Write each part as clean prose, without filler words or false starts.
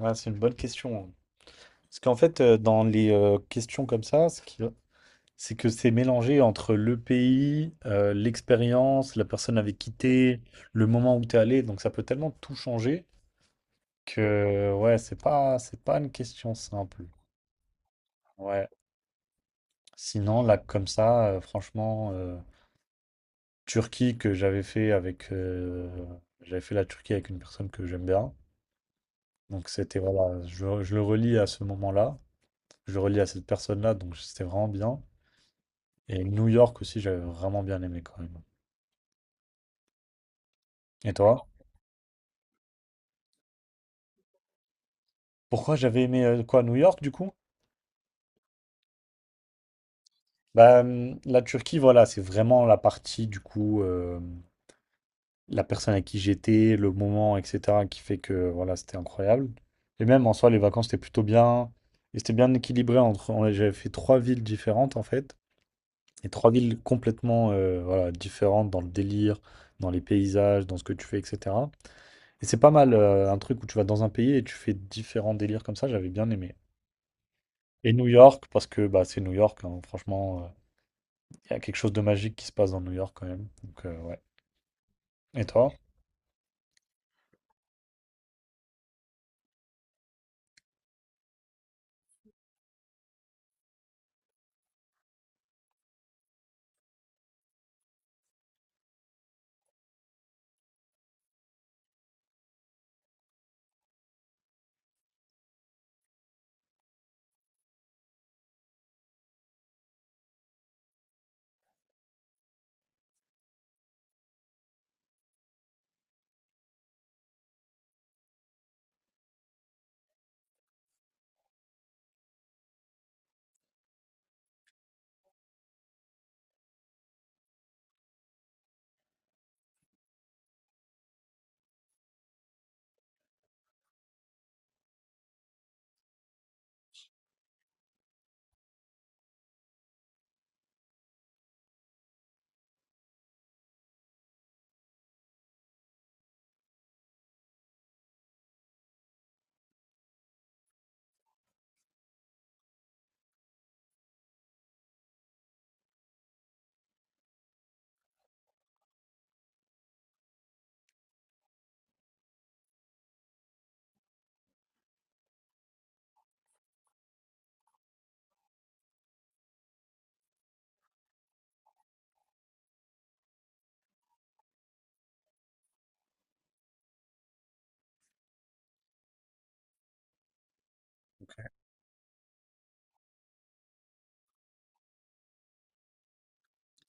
Ah, c'est une bonne question, hein. Parce qu'en fait, dans les questions comme ça, c'est que c'est mélangé entre le pays, l'expérience, la personne avec qui t'es, le moment où t'es allé. Donc ça peut tellement tout changer que ouais, c'est pas une question simple. Ouais. Sinon, là, comme ça, franchement, Turquie que j'avais fait avec, j'avais fait la Turquie avec une personne que j'aime bien. Donc c'était voilà, je le relis à ce moment-là, je le relis à cette personne-là, donc c'était vraiment bien. Et New York aussi, j'avais vraiment bien aimé quand même. Et toi? Pourquoi j'avais aimé quoi, New York du coup? Bah, la Turquie, voilà, c'est vraiment la partie du coup, la personne à qui j'étais, le moment, etc., qui fait que voilà, c'était incroyable. Et même en soi, les vacances étaient plutôt bien. Et c'était bien équilibré J'avais fait trois villes différentes en fait. Et trois villes complètement voilà, différentes dans le délire, dans les paysages, dans ce que tu fais, etc. Et c'est pas mal, un truc où tu vas dans un pays et tu fais différents délires comme ça, j'avais bien aimé. Et New York, parce que bah, c'est New York, hein, franchement, il y a quelque chose de magique qui se passe dans New York quand même. Donc, ouais. Et toi?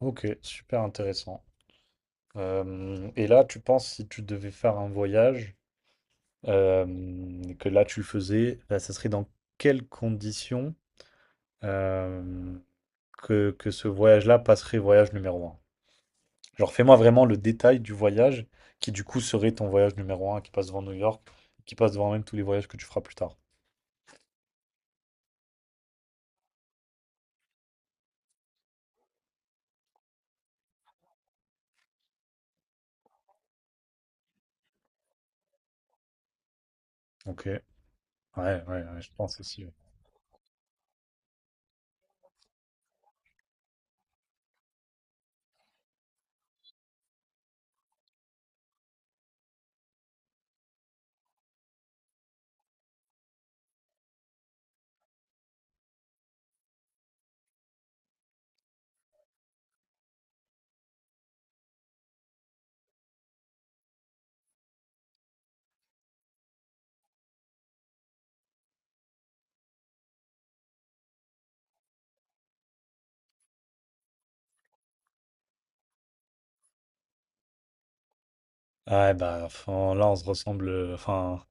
Ok, super intéressant. Et là, tu penses si tu devais faire un voyage, euh, que là tu le faisais, là, ça serait dans quelles conditions euh, que ce voyage-là passerait voyage numéro un. Genre, fais-moi vraiment le détail du voyage qui, du coup, serait ton voyage numéro un qui passe devant New York, qui passe devant même tous les voyages que tu feras plus tard. Ok, ouais, je pense aussi. Ouais, bah, enfin, là, on se ressemble, enfin,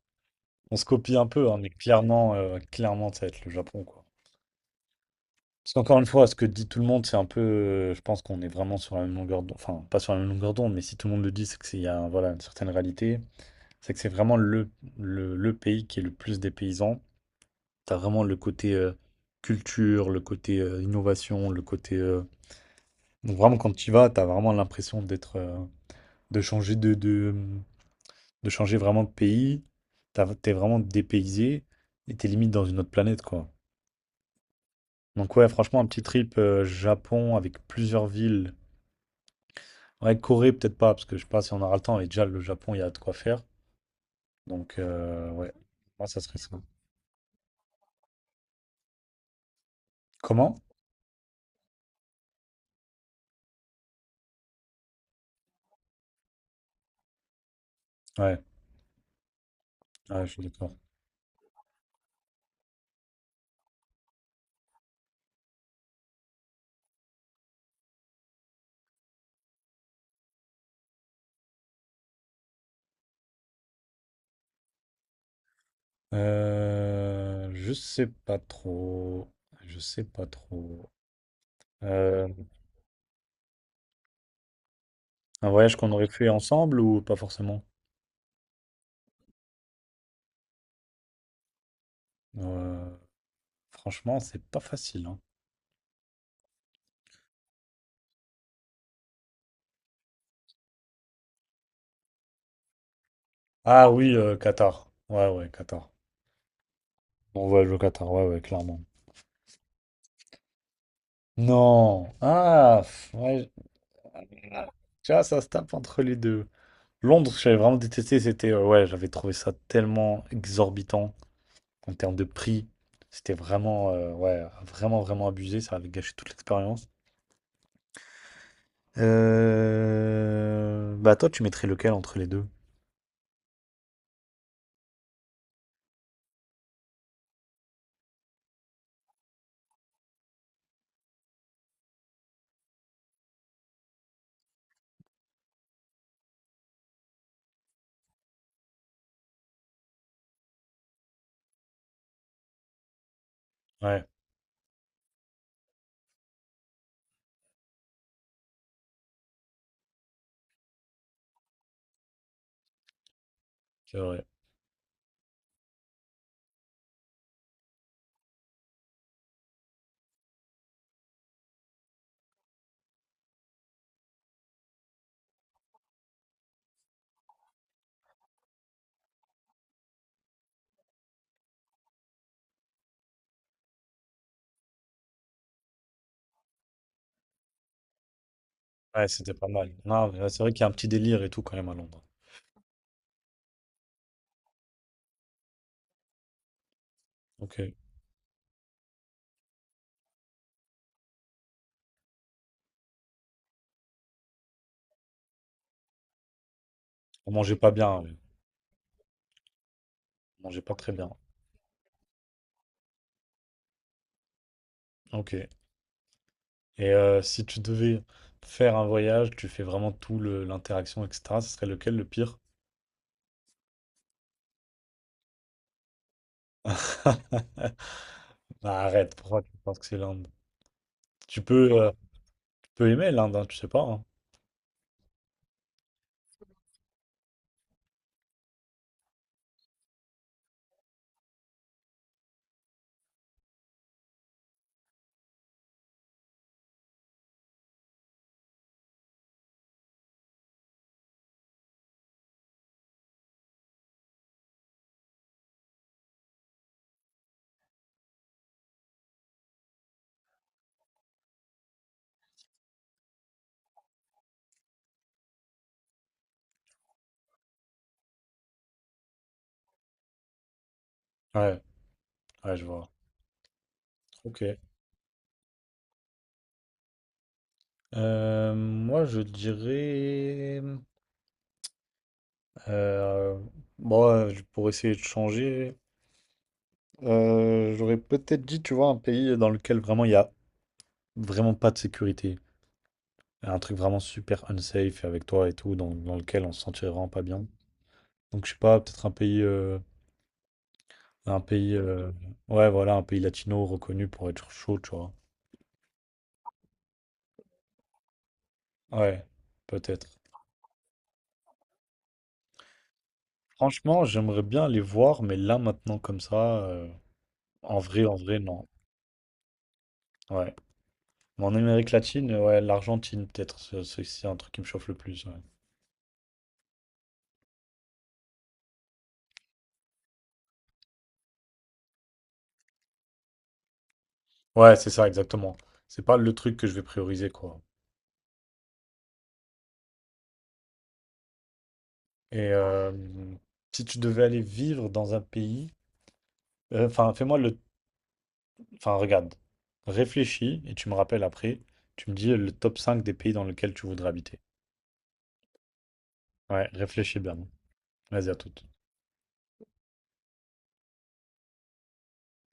on se copie un peu, hein, mais clairement, clairement, ça va être le Japon, quoi. Parce qu'encore une fois, ce que dit tout le monde, c'est un peu, je pense qu'on est vraiment sur la même longueur d'onde, enfin, pas sur la même longueur d'onde, mais si tout le monde le dit, c'est qu'il y a, voilà, une certaine réalité. C'est que c'est vraiment le pays qui est le plus des paysans. T'as vraiment le côté culture, le côté innovation, Donc vraiment, quand tu y vas, t'as vraiment de changer de changer vraiment de pays. T'es vraiment dépaysé et t'es limite dans une autre planète, quoi. Donc ouais, franchement, un petit trip Japon avec plusieurs villes. Ouais, Corée, peut-être pas, parce que je sais pas si on aura le temps. Et déjà, le Japon, il y a de quoi faire. Donc ouais, moi, ça serait ça. Comment? Ouais, ouais, je suis d'accord. Je sais pas trop. Je sais pas trop. Euh, un voyage qu'on aurait fait ensemble ou pas forcément? Euh, Franchement, c'est pas facile, hein. Ah oui, Qatar. Ouais, ouais, Qatar. On voyage au Qatar, ouais, ouais, clairement. Non. Ah, pff, ouais. je- ah, Tu vois, ça se tape entre les deux. Londres, j'avais vraiment détesté. C'était, ouais, j'avais trouvé ça tellement exorbitant en termes de prix. C'était vraiment, ouais, vraiment, vraiment abusé. Ça avait gâché toute l'expérience. Bah, toi, tu mettrais lequel entre les deux? Ouais, c'est vrai. Ouais, c'était pas mal. Non, mais ouais, c'est vrai qu'il y a un petit délire et tout quand même à Londres. Ok. On mangeait pas bien, ouais. On mangeait pas très bien. Ok. Et si tu devais faire un voyage, tu fais vraiment tout l'interaction, etc., ce serait lequel le pire? Bah, arrête, pourquoi tu penses que c'est l'Inde? Tu peux, euh, tu peux aimer l'Inde, hein, tu sais pas, hein. Ouais, ouais, je vois. Ok. Moi, je dirais, euh, bon, pour essayer de changer, j'aurais peut-être dit, tu vois, un pays dans lequel vraiment il n'y a vraiment pas de sécurité. Un truc vraiment super unsafe avec toi et tout, dans, dans lequel on se sentirait vraiment pas bien. Donc, je sais pas, peut-être un pays, un pays, euh, ouais, voilà, un pays latino reconnu pour être chaud, tu vois. Ouais, peut-être. Franchement, j'aimerais bien les voir, mais là, maintenant, comme ça, en vrai, non. Ouais. Mais en Amérique latine, ouais, l'Argentine, peut-être, c'est un truc qui me chauffe le plus. Ouais. Ouais, c'est ça, exactement. C'est pas le truc que je vais prioriser, quoi. Et si tu devais aller vivre dans un pays, enfin, fais-moi le enfin, regarde, réfléchis et tu me rappelles après. Tu me dis le top 5 des pays dans lesquels tu voudrais habiter. Ouais, réfléchis bien. Vas-y, à toute.